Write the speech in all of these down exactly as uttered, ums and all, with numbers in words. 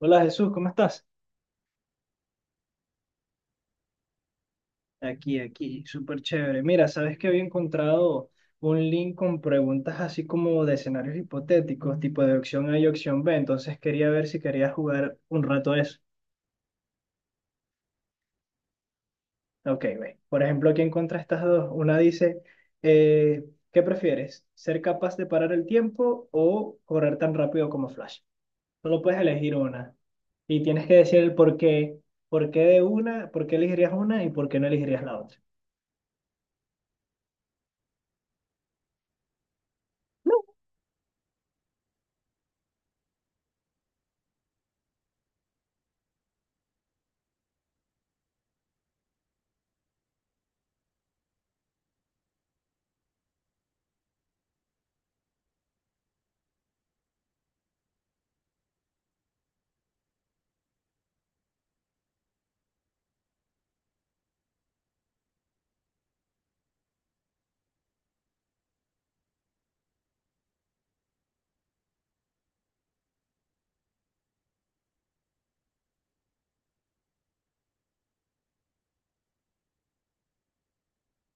Hola Jesús, ¿cómo estás? Aquí, aquí, súper chévere. Mira, sabes que había encontrado un link con preguntas así como de escenarios hipotéticos, tipo de opción A y opción B, entonces quería ver si querías jugar un rato a eso. Ok, ve. Por ejemplo, aquí encontré estas dos. Una dice, eh, ¿qué prefieres? ¿Ser capaz de parar el tiempo o correr tan rápido como Flash? Solo puedes elegir una y tienes que decir el por qué, por qué de una, por qué elegirías una y por qué no elegirías la otra.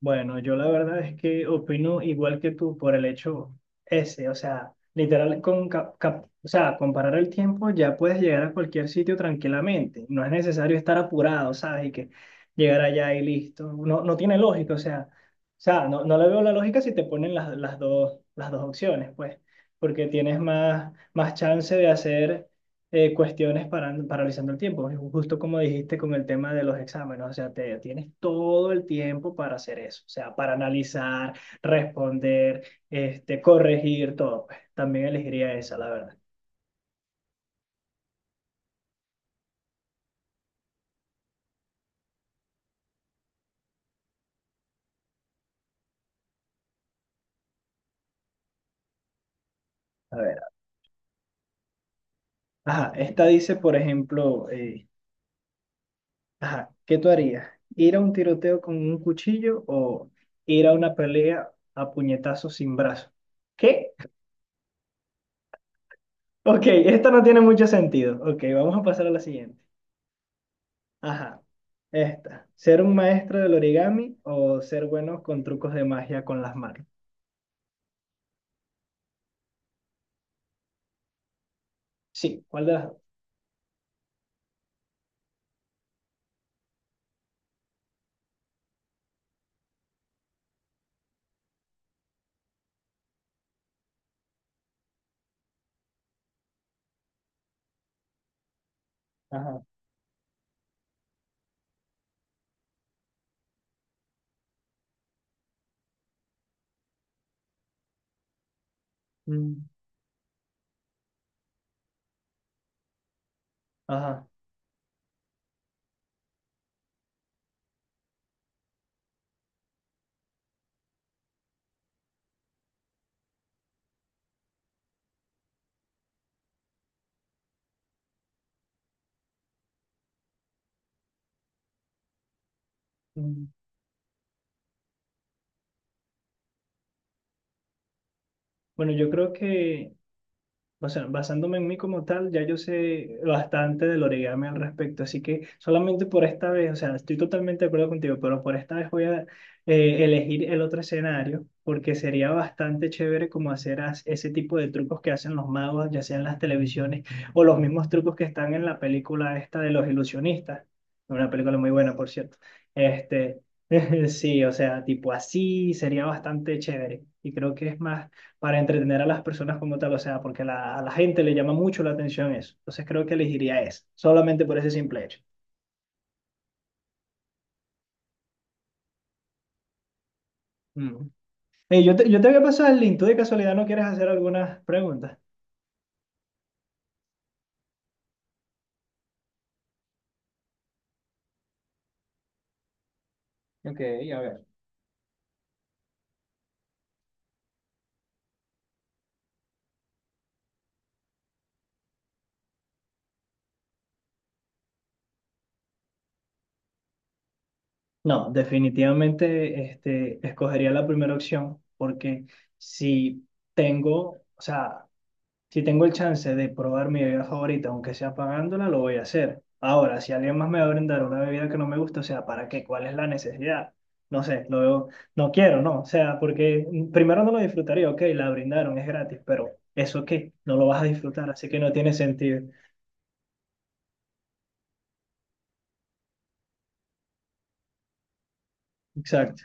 Bueno, yo la verdad es que opino igual que tú por el hecho ese, o sea, literal, con cap- cap- o sea, comparar el tiempo ya puedes llegar a cualquier sitio tranquilamente, no es necesario estar apurado, ¿sabes? Y que llegar allá y listo, no, no tiene lógica, o sea, o sea, no, no le veo la lógica si te ponen las, las dos, las dos opciones, pues, porque tienes más, más chance de hacer eh, cuestiones para, paralizando el tiempo, justo como dijiste con el tema de los exámenes, o sea, te, tienes todo el tiempo para hacer eso, o sea, para analizar, responder, este, corregir, todo. Pues, también elegiría esa, la verdad. A ver, ajá, esta dice, por ejemplo, eh, ajá, ¿qué tú harías? ¿Ir a un tiroteo con un cuchillo o ir a una pelea a puñetazos sin brazo? ¿Qué? Ok, esta no tiene mucho sentido. Ok, vamos a pasar a la siguiente. Ajá. Esta. ¿Ser un maestro del origami o ser bueno con trucos de magia con las manos? Sí, ¿cuál de las dos? Ajá. Mm. Ajá. Mm. Bueno, yo creo que, o sea, basándome en mí como tal, ya yo sé bastante del origami al respecto, así que solamente por esta vez, o sea, estoy totalmente de acuerdo contigo, pero por esta vez voy a eh, elegir el otro escenario, porque sería bastante chévere como hacer as- ese tipo de trucos que hacen los magos, ya sean las televisiones o los mismos trucos que están en la película esta de los ilusionistas, una película muy buena, por cierto. Este, sí, o sea, tipo así sería bastante chévere y creo que es más para entretener a las personas como tal, o sea, porque la- a la gente le llama mucho la atención eso. Entonces creo que elegiría esa, solamente por ese simple hecho. Mm. Ey, yo te, yo te voy a pasar el link, ¿tú de casualidad no quieres hacer algunas preguntas? Ok, a ver. No, definitivamente este, escogería la primera opción porque si tengo, o sea, si tengo el chance de probar mi bebida favorita, aunque sea pagándola, lo voy a hacer. Ahora, si alguien más me va a brindar una bebida que no me gusta, o sea, ¿para qué? ¿Cuál es la necesidad? No sé, lo veo- no quiero, no. O sea, porque mm, primero no lo disfrutaría, ok, la brindaron, es gratis, pero ¿eso qué? No lo vas a disfrutar, así que no tiene sentido. Exacto.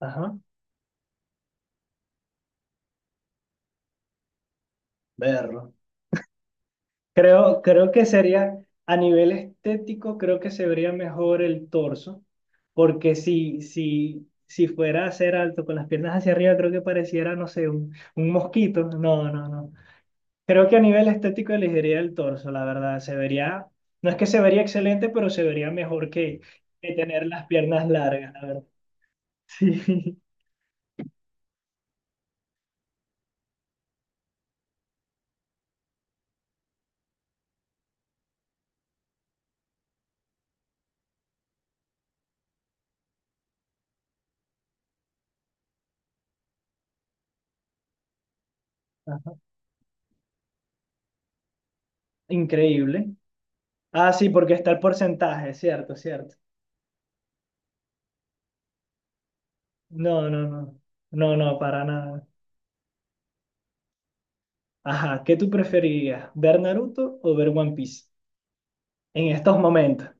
Ajá, verlo. Creo, creo que sería, a nivel estético, creo que se vería mejor el torso, porque si, si, si fuera a ser alto con las piernas hacia arriba, creo que pareciera, no sé, un, un mosquito. No, no, no. Creo que a nivel estético elegiría el torso, la verdad. Se vería, no es que se vería excelente, pero se vería mejor que, que tener las piernas largas, la verdad. Ajá. Increíble. Ah, sí, porque está el porcentaje, cierto, cierto. No, no, no. No, no, para nada. Ajá, ¿qué tú preferirías? ¿Ver Naruto o ver One Piece? En estos momentos.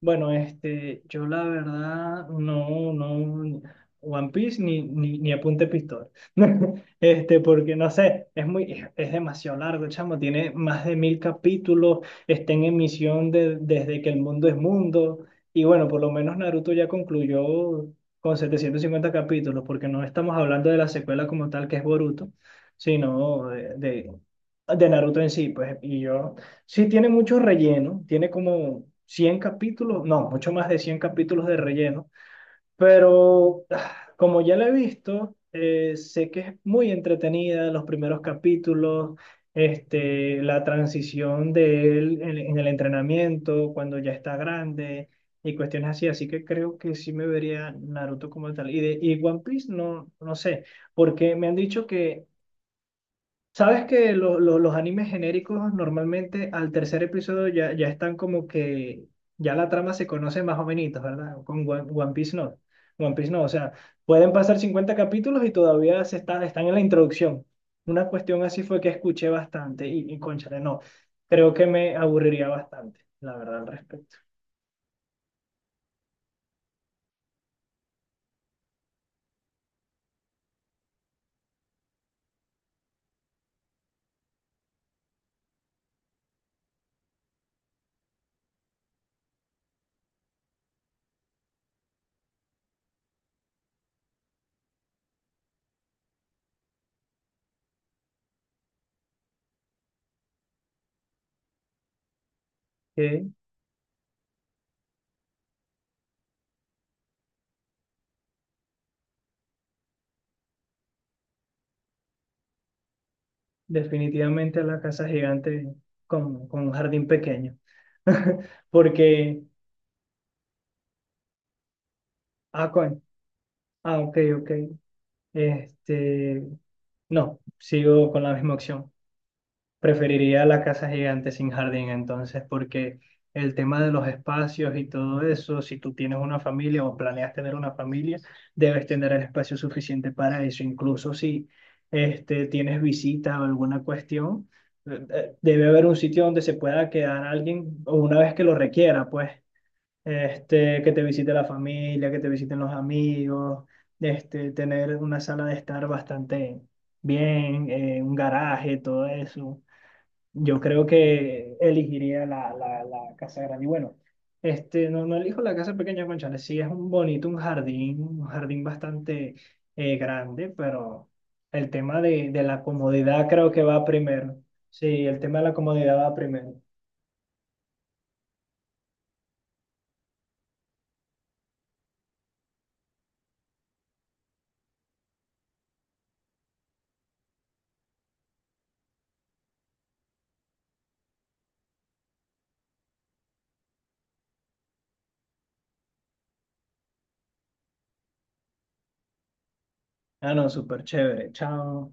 Bueno, este, yo la verdad no, no, One Piece ni, ni, ni apunte pistola. Este, porque no sé, es muy, es, es demasiado largo, chamo, tiene más de mil capítulos, está en emisión de- desde que el mundo es mundo, y bueno, por lo menos Naruto ya concluyó con setecientos cincuenta capítulos, porque no estamos hablando de la secuela como tal, que es Boruto, sino de, de, de Naruto en sí, pues, y yo... Sí, tiene mucho relleno, tiene como cien capítulos, no, mucho más de cien capítulos de relleno, pero ah, como ya la he visto, eh, sé que es muy entretenida los primeros capítulos, este, la transición de él en, en el entrenamiento, cuando ya está grande y cuestiones así, así que creo que sí me vería Naruto como tal. Y de y One Piece, no, no sé, porque me han dicho que sabes que lo- lo- los animes genéricos normalmente al tercer episodio ya, ya están como que ya la trama se conoce más o menos, ¿verdad? Con One, One Piece no. One Piece no, o sea, pueden pasar cincuenta capítulos y todavía se está, están en la introducción. Una cuestión así fue que escuché bastante y, y cónchale, no, creo que me aburriría bastante, la verdad, al respecto. Que definitivamente la casa gigante con, con un jardín pequeño. Porque, ah, con, ah, ok, ok. Este, no, sigo con la misma opción. Preferiría la casa gigante sin jardín, entonces, porque el tema de los espacios y todo eso, si tú tienes una familia o planeas tener una familia, debes tener el espacio suficiente para eso. Incluso si este, tienes visitas o alguna cuestión, eh, eh, debe haber un sitio donde se pueda quedar alguien o una vez que lo requiera, pues este, que te visite la familia, que te visiten los amigos, este, tener una sala de estar bastante bien, eh, un garaje, todo eso. Yo creo que elegiría la, la, la casa grande. Y bueno, este, no, no elijo la casa pequeña, cónchale, sí es un bonito, un jardín, un jardín bastante eh, grande, pero el tema de, de la comodidad creo que va primero. Sí, el tema de la comodidad va primero. Ah, no, súper chévere. Chao.